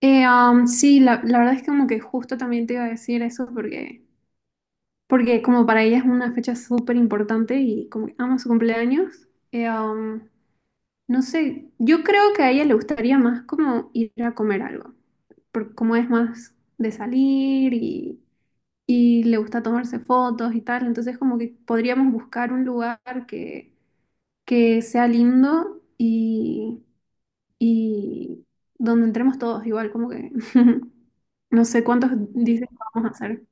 Sí, la verdad es que como que justo también te iba a decir eso porque como para ella es una fecha súper importante y como que ama su cumpleaños. No sé, yo creo que a ella le gustaría más como ir a comer algo, porque como es más de salir y le gusta tomarse fotos y tal, entonces como que podríamos buscar un lugar que, que sea lindo y donde entremos todos, igual como que no sé cuántos dicen que vamos a hacer.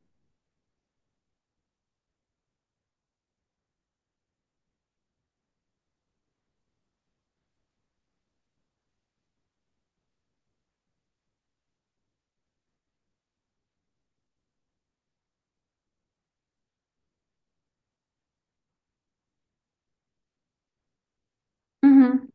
Ujú.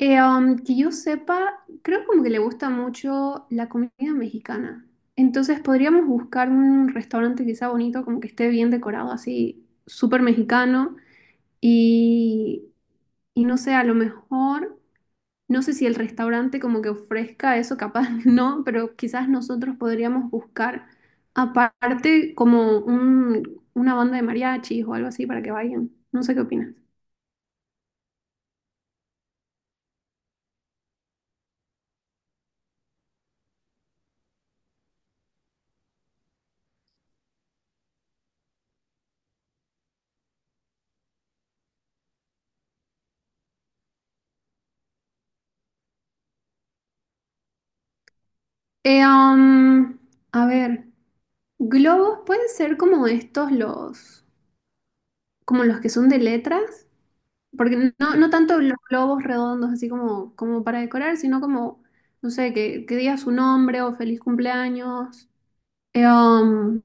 Que yo sepa, creo como que le gusta mucho la comida mexicana. Entonces podríamos buscar un restaurante que sea bonito, como que esté bien decorado, así súper mexicano. Y, y no sé, a lo mejor. No sé si el restaurante como que ofrezca eso, capaz no, pero quizás nosotros podríamos buscar aparte como una banda de mariachis o algo así para que vayan. No sé qué opinas. Eh, um, a ver, globos pueden ser como como los que son de letras, porque no tanto los globos redondos así como para decorar, sino como, no sé, que diga su nombre o feliz cumpleaños. Eh, um,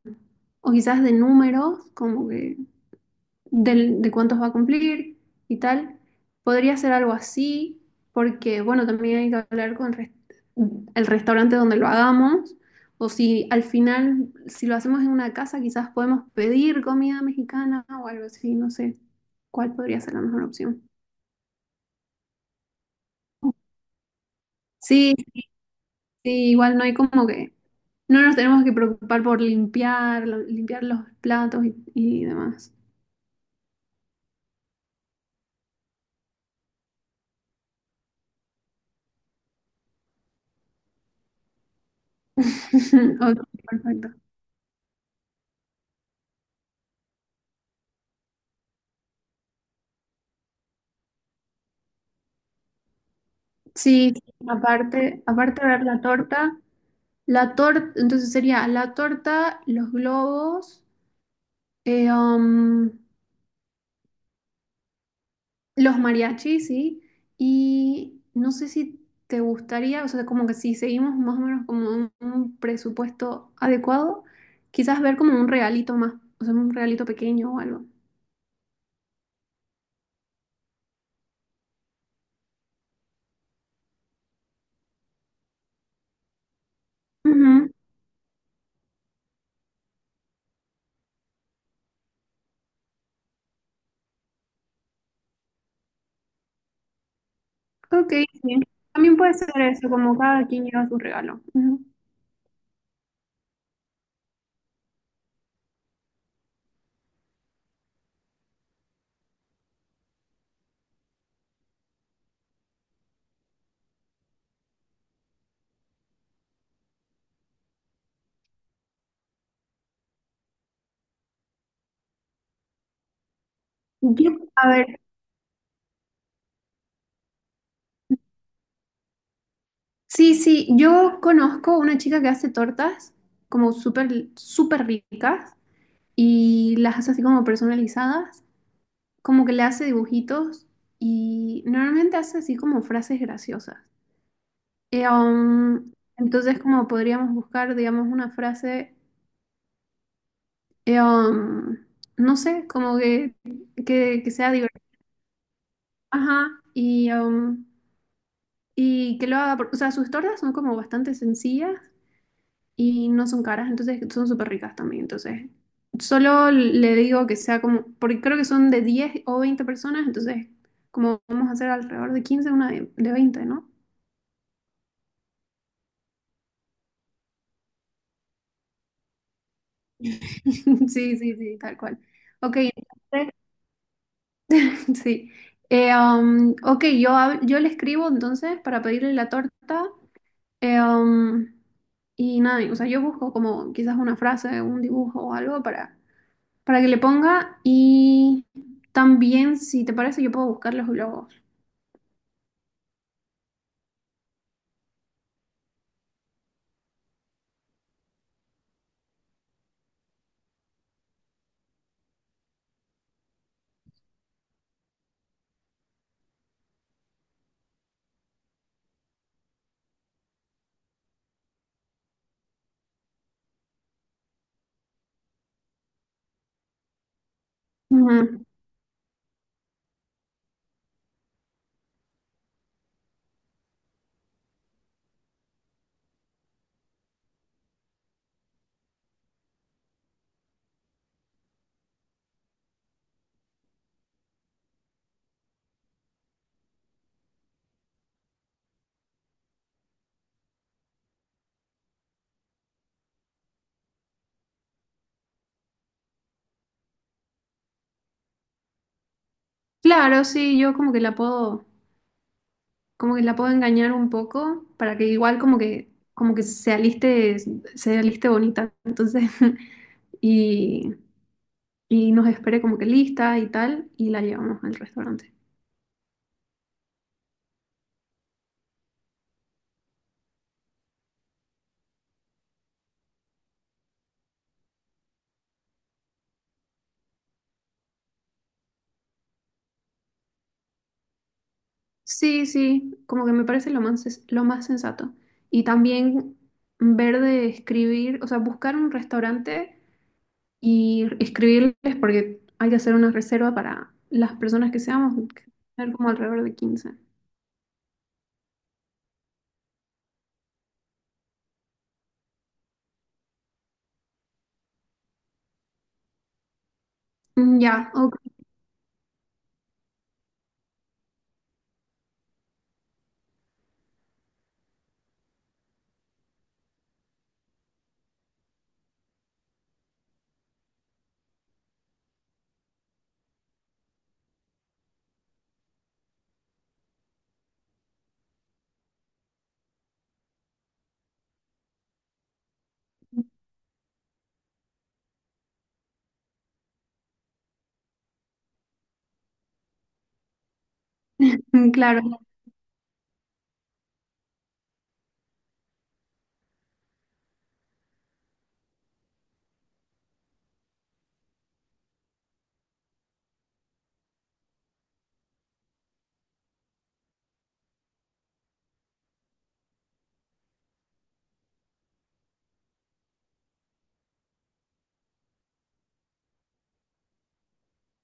o quizás de números, como que cuántos va a cumplir y tal. Podría ser algo así, porque bueno, también hay que hablar con el restaurante donde lo hagamos, o si al final, si lo hacemos en una casa, quizás podemos pedir comida mexicana o algo así, no sé cuál podría ser la mejor opción. Sí, sí, igual no hay como que, no nos tenemos que preocupar por limpiar, limpiar los platos y demás. Ok, perfecto. Sí, aparte de ver la torta, entonces sería la torta, los globos, eh, um, los mariachis, ¿sí? Y no sé si te gustaría, o sea, como que si seguimos más o menos como un presupuesto adecuado, quizás ver como un regalito más, o sea, un regalito pequeño o algo. Ujú. Ok, sí. También puede ser eso, como cada quien lleva su regalo. Ujú. Yo, a ver, sí, sí, yo conozco una chica que hace tortas como súper, súper ricas y las hace así como personalizadas, como que le hace dibujitos y normalmente hace así como frases graciosas. Entonces como podríamos buscar, digamos, una frase, eh, um, no sé, como que, que sea divertida, ajá, y que lo haga, o sea, sus tortas son como bastante sencillas y no son caras, entonces son súper ricas también. Entonces, solo le digo que sea como, porque creo que son de 10 o 20 personas, entonces, como vamos a hacer alrededor de 15 una de 20, ¿no? Sí, sí, sí, tal cual. Ok, entonces, sí. Ok, yo le escribo entonces para pedirle la torta. eh, um, y nada, o sea, yo busco como quizás una frase, un dibujo o algo para que le ponga y también, si te parece, yo puedo buscar los globos. Ujú. Claro, sí, yo como que la puedo, como que la puedo engañar un poco para que igual como que se aliste bonita, entonces, y, y nos espere como que lista y tal, y la llevamos al restaurante. Sí, sí, como que me parece lo más, lo más sensato. Y también ver de escribir, o sea, buscar un restaurante y escribirles porque hay que hacer una reserva para las personas que seamos, que ser como alrededor de 15. Mm, ya, ok, mm, claro.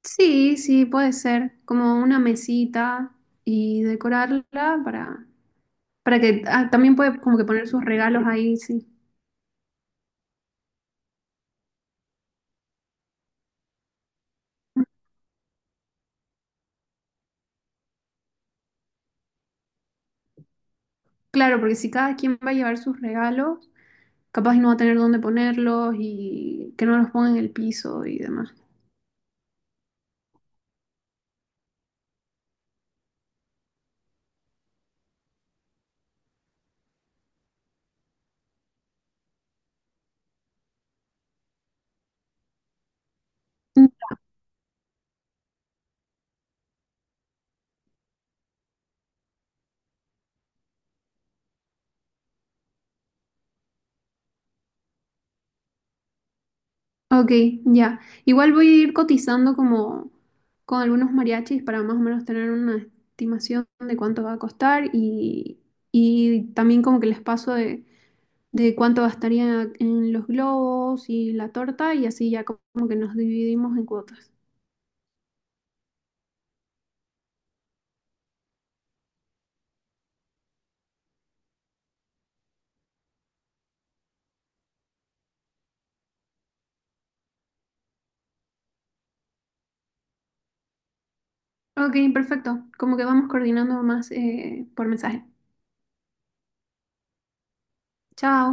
Sí, sí, puede ser como una mesita y decorarla para, para que ah, también puede como que poner sus regalos ahí, sí. Claro, porque si cada quien va a llevar sus regalos, capaz y no va a tener dónde ponerlos y que no los ponga en el piso y demás. Ok, ya. Igual voy a ir cotizando como con algunos mariachis para más o menos tener una estimación de cuánto va a costar y también como que les paso de cuánto gastaría en los globos y la torta y así ya como que nos dividimos en cuotas. Ok, perfecto. Como que vamos coordinando más por mensaje. Chao.